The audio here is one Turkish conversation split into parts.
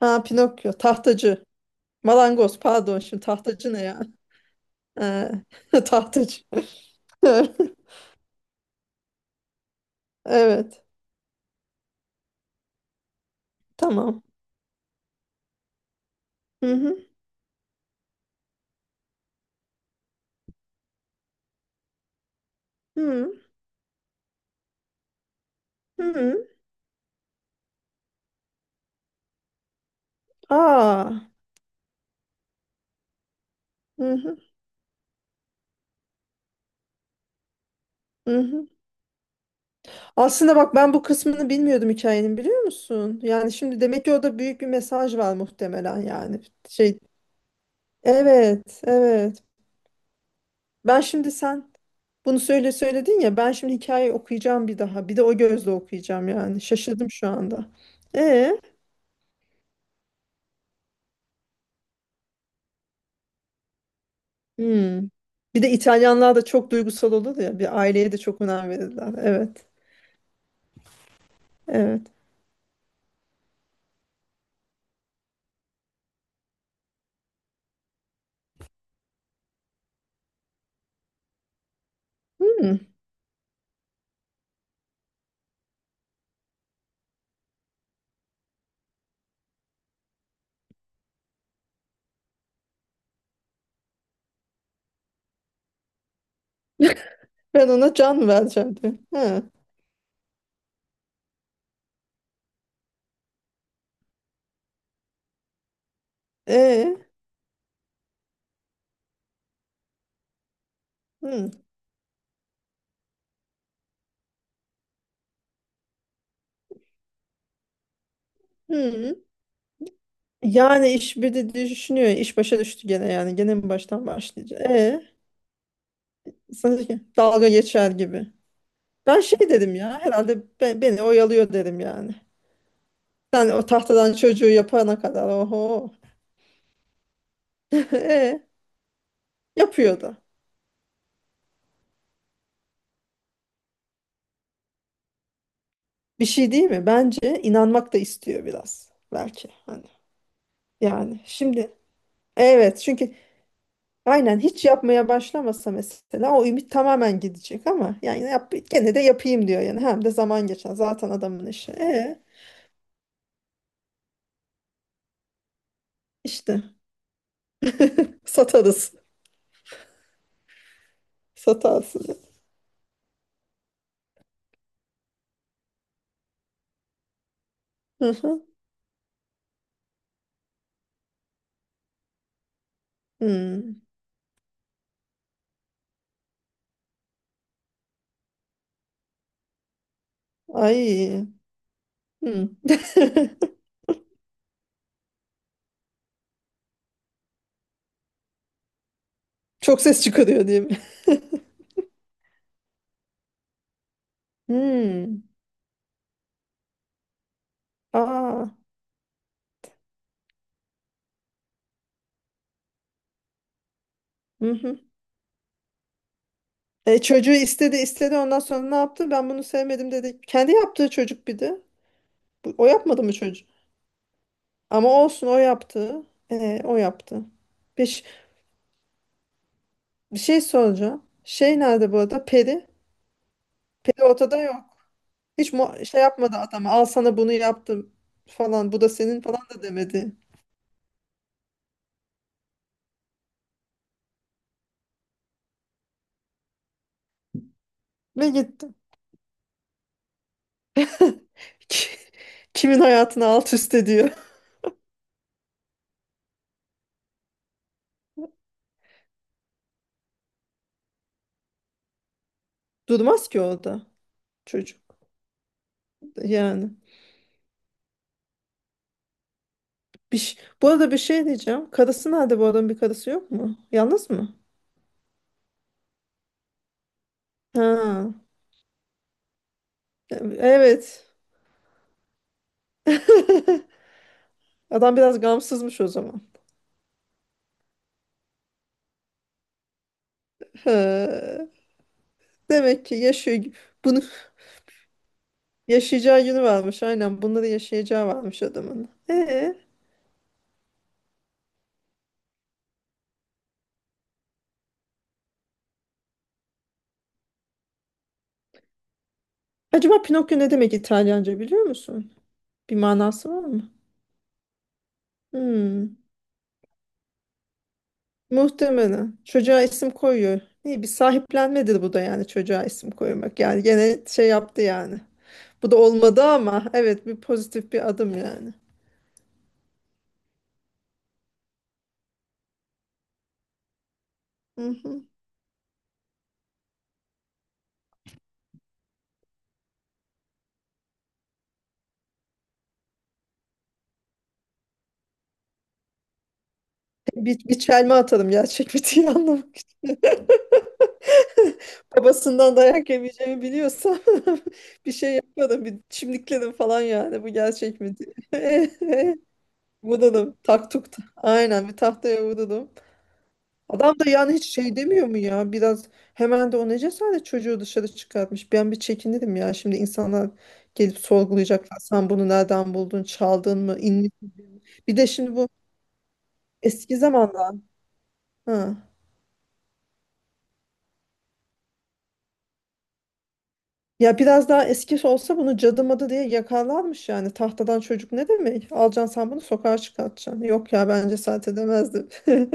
Ha Pinokyo, tahtacı. Malangoz pardon şimdi tahtacı ne ya? Tahtacı. Evet. Tamam. Hı hı. Hı hı. Aa. Hı hı. Hı hı. Aslında bak ben bu kısmını bilmiyordum hikayenin biliyor musun? Yani şimdi demek ki orada büyük bir mesaj var muhtemelen yani. Şey evet, evet. Ben şimdi sen bunu söyledin ya ben şimdi hikayeyi okuyacağım bir daha. Bir de o gözle okuyacağım yani. Şaşırdım şu anda. E Hmm. Bir de İtalyanlar da çok duygusal olur ya. Bir aileye de çok önem verirler. Evet. Evet. Hmm. Ben ona can vereceğim diyor. Ha. E. Hmm. Hmm. Yani iş bir de düşünüyor. İş başa düştü gene yani. Gene mi baştan başlayacak? E. Sanki dalga geçer gibi. Ben şey dedim ya. Herhalde beni oyalıyor dedim yani. Sen o tahtadan çocuğu yapana kadar. Oho. E. Yapıyordu. Bir şey değil mi? Bence inanmak da istiyor biraz. Belki. Hani. Yani şimdi evet çünkü aynen hiç yapmaya başlamasa mesela o ümit tamamen gidecek ama yani yap, gene de yapayım diyor yani hem de zaman geçer zaten adamın işi. E işte satarız satarsın. Hı hı. Hmm. Ay. Hmm. Çok ses çıkarıyor değil mi? Hmm. Aa. Hı hı. Çocuğu istedi istedi ondan sonra ne yaptı? Ben bunu sevmedim dedi. Kendi yaptığı çocuk bir de. O yapmadı mı çocuğu? Ama olsun o yaptı. O yaptı. Bir, ş- bir şey soracağım. Şey nerede bu arada? Peri. Peri ortada yok. Hiç şey yapmadı adama. Al sana bunu yaptım falan. Bu da senin falan da demedi. Ve gitti. Kimin hayatını alt üst ediyor. Durmaz ki orada çocuk. Yani. Bu arada bir şey diyeceğim. Karısı nerede bu adamın bir karısı yok mu? Yalnız mı? Ha. Evet. Adam biraz gamsızmış o zaman. He. Demek ki yaşıyor gibi. Bunu. Yaşayacağı günü varmış aynen. Bunları yaşayacağı varmış adamın. Acaba Pinokyo ne demek İtalyanca biliyor musun? Bir manası var mı? Hmm, muhtemelen. Çocuğa isim koyuyor. İyi bir sahiplenmedir bu da yani çocuğa isim koymak. Yani gene şey yaptı yani. Bu da olmadı ama evet bir pozitif bir adım yani. Hı hı. Bir çelme atalım gerçek bir anlamak için. Babasından dayak yemeyeceğimi biliyorsam bir şey yapmadım. Bir çimdikledim falan yani bu gerçek mi diye. Vurdum taktuk. Aynen bir tahtaya vurdum. Adam da yani hiç şey demiyor mu ya biraz hemen de o ne cesaret çocuğu dışarı çıkartmış. Ben bir çekindim ya şimdi insanlar gelip sorgulayacaklar. Sen bunu nereden buldun çaldın mı inmiş mi?" Bir de şimdi bu eski zamanlar. Ha. Ya biraz daha eski olsa bunu cadı madı diye yakalanmış yani. Tahtadan çocuk ne demek? Alacaksın sen bunu sokağa çıkartacaksın. Yok ya bence saat edemezdim.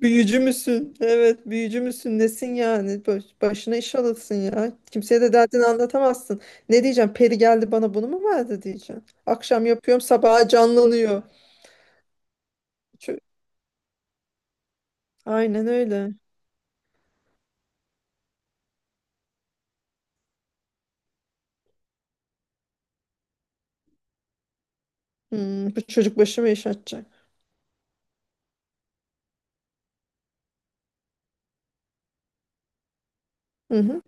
Büyücü müsün? Evet büyücü müsün? Nesin yani? Başına iş alırsın ya. Kimseye de derdini anlatamazsın. Ne diyeceğim? Peri geldi bana bunu mu verdi diyeceğim. Akşam yapıyorum sabaha canlanıyor. Çö- Aynen öyle. Hmm, bu çocuk başıma iş açacak. Hı hı.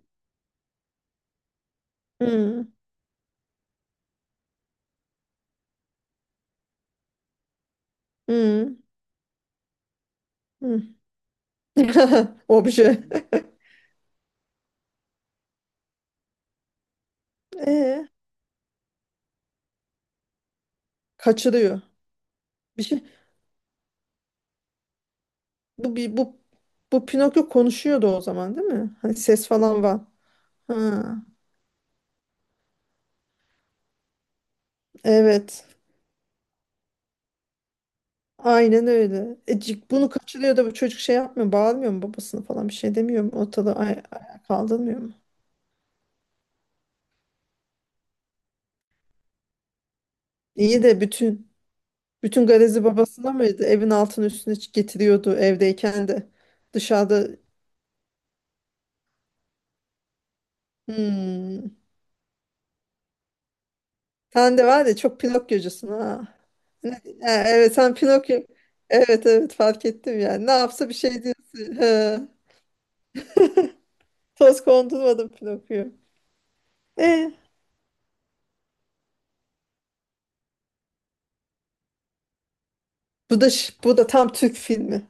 Hı hı. Hı. Obje. Ee, kaçırıyor. Bir şey bu bir bu bu Pinokyo konuşuyordu o zaman değil mi? Hani ses falan var. Ha, evet. Aynen öyle. Bunu kaçırıyor da bu çocuk şey yapmıyor, bağırmıyor mu babasını falan bir şey demiyor mu? Ortada ayağa kaldırmıyor mu? İyi de bütün garezi babasına mıydı? Evin altını üstüne getiriyordu evdeyken de. Dışarıda hmm. Sen de var ya çok Pinokyocusun ha. Ne- Ha, evet sen Pinokyo. Evet evet fark ettim yani. Ne yapsa bir şey diyorsun. He. Toz kondurmadım Pinokyo. E, bu da tam Türk filmi.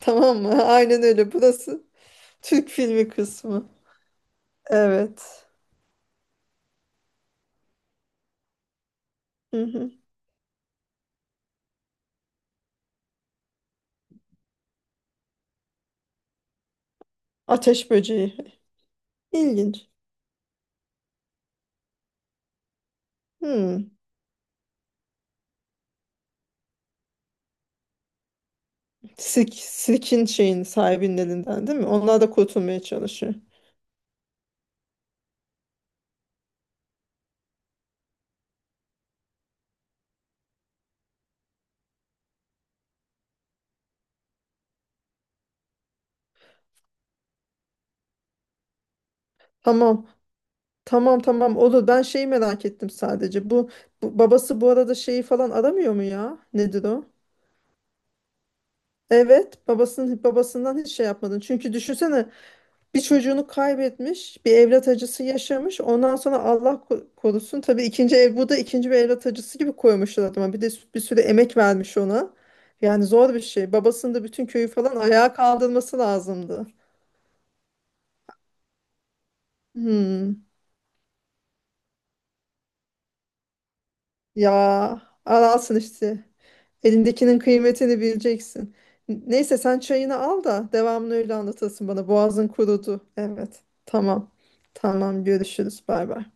Tamam mı? Aynen öyle. Burası Türk filmi kısmı. Evet. Hı hı. Ateş böceği. İlginç. Hmm. Sirkin şeyin sahibinin elinden değil mi? Onlar da kurtulmaya çalışıyor. Tamam. Tamam tamam olur. Ben şeyi merak ettim sadece. Bu babası bu arada şeyi falan aramıyor mu ya? Nedir o? Evet, babasından hiç şey yapmadın. Çünkü düşünsene. Bir çocuğunu kaybetmiş, bir evlat acısı yaşamış. Ondan sonra Allah korusun tabii ikinci ev bu da ikinci bir evlat acısı gibi koymuşlar adama. Bir de bir sürü emek vermiş ona. Yani zor bir şey. Babasının da bütün köyü falan ayağa kaldırması lazımdı. Hmm. Ya aralsın işte. Elindekinin kıymetini bileceksin. Neyse sen çayını al da devamını öyle anlatırsın bana. Boğazın kurudu. Evet. Tamam. Tamam görüşürüz. Bay bay.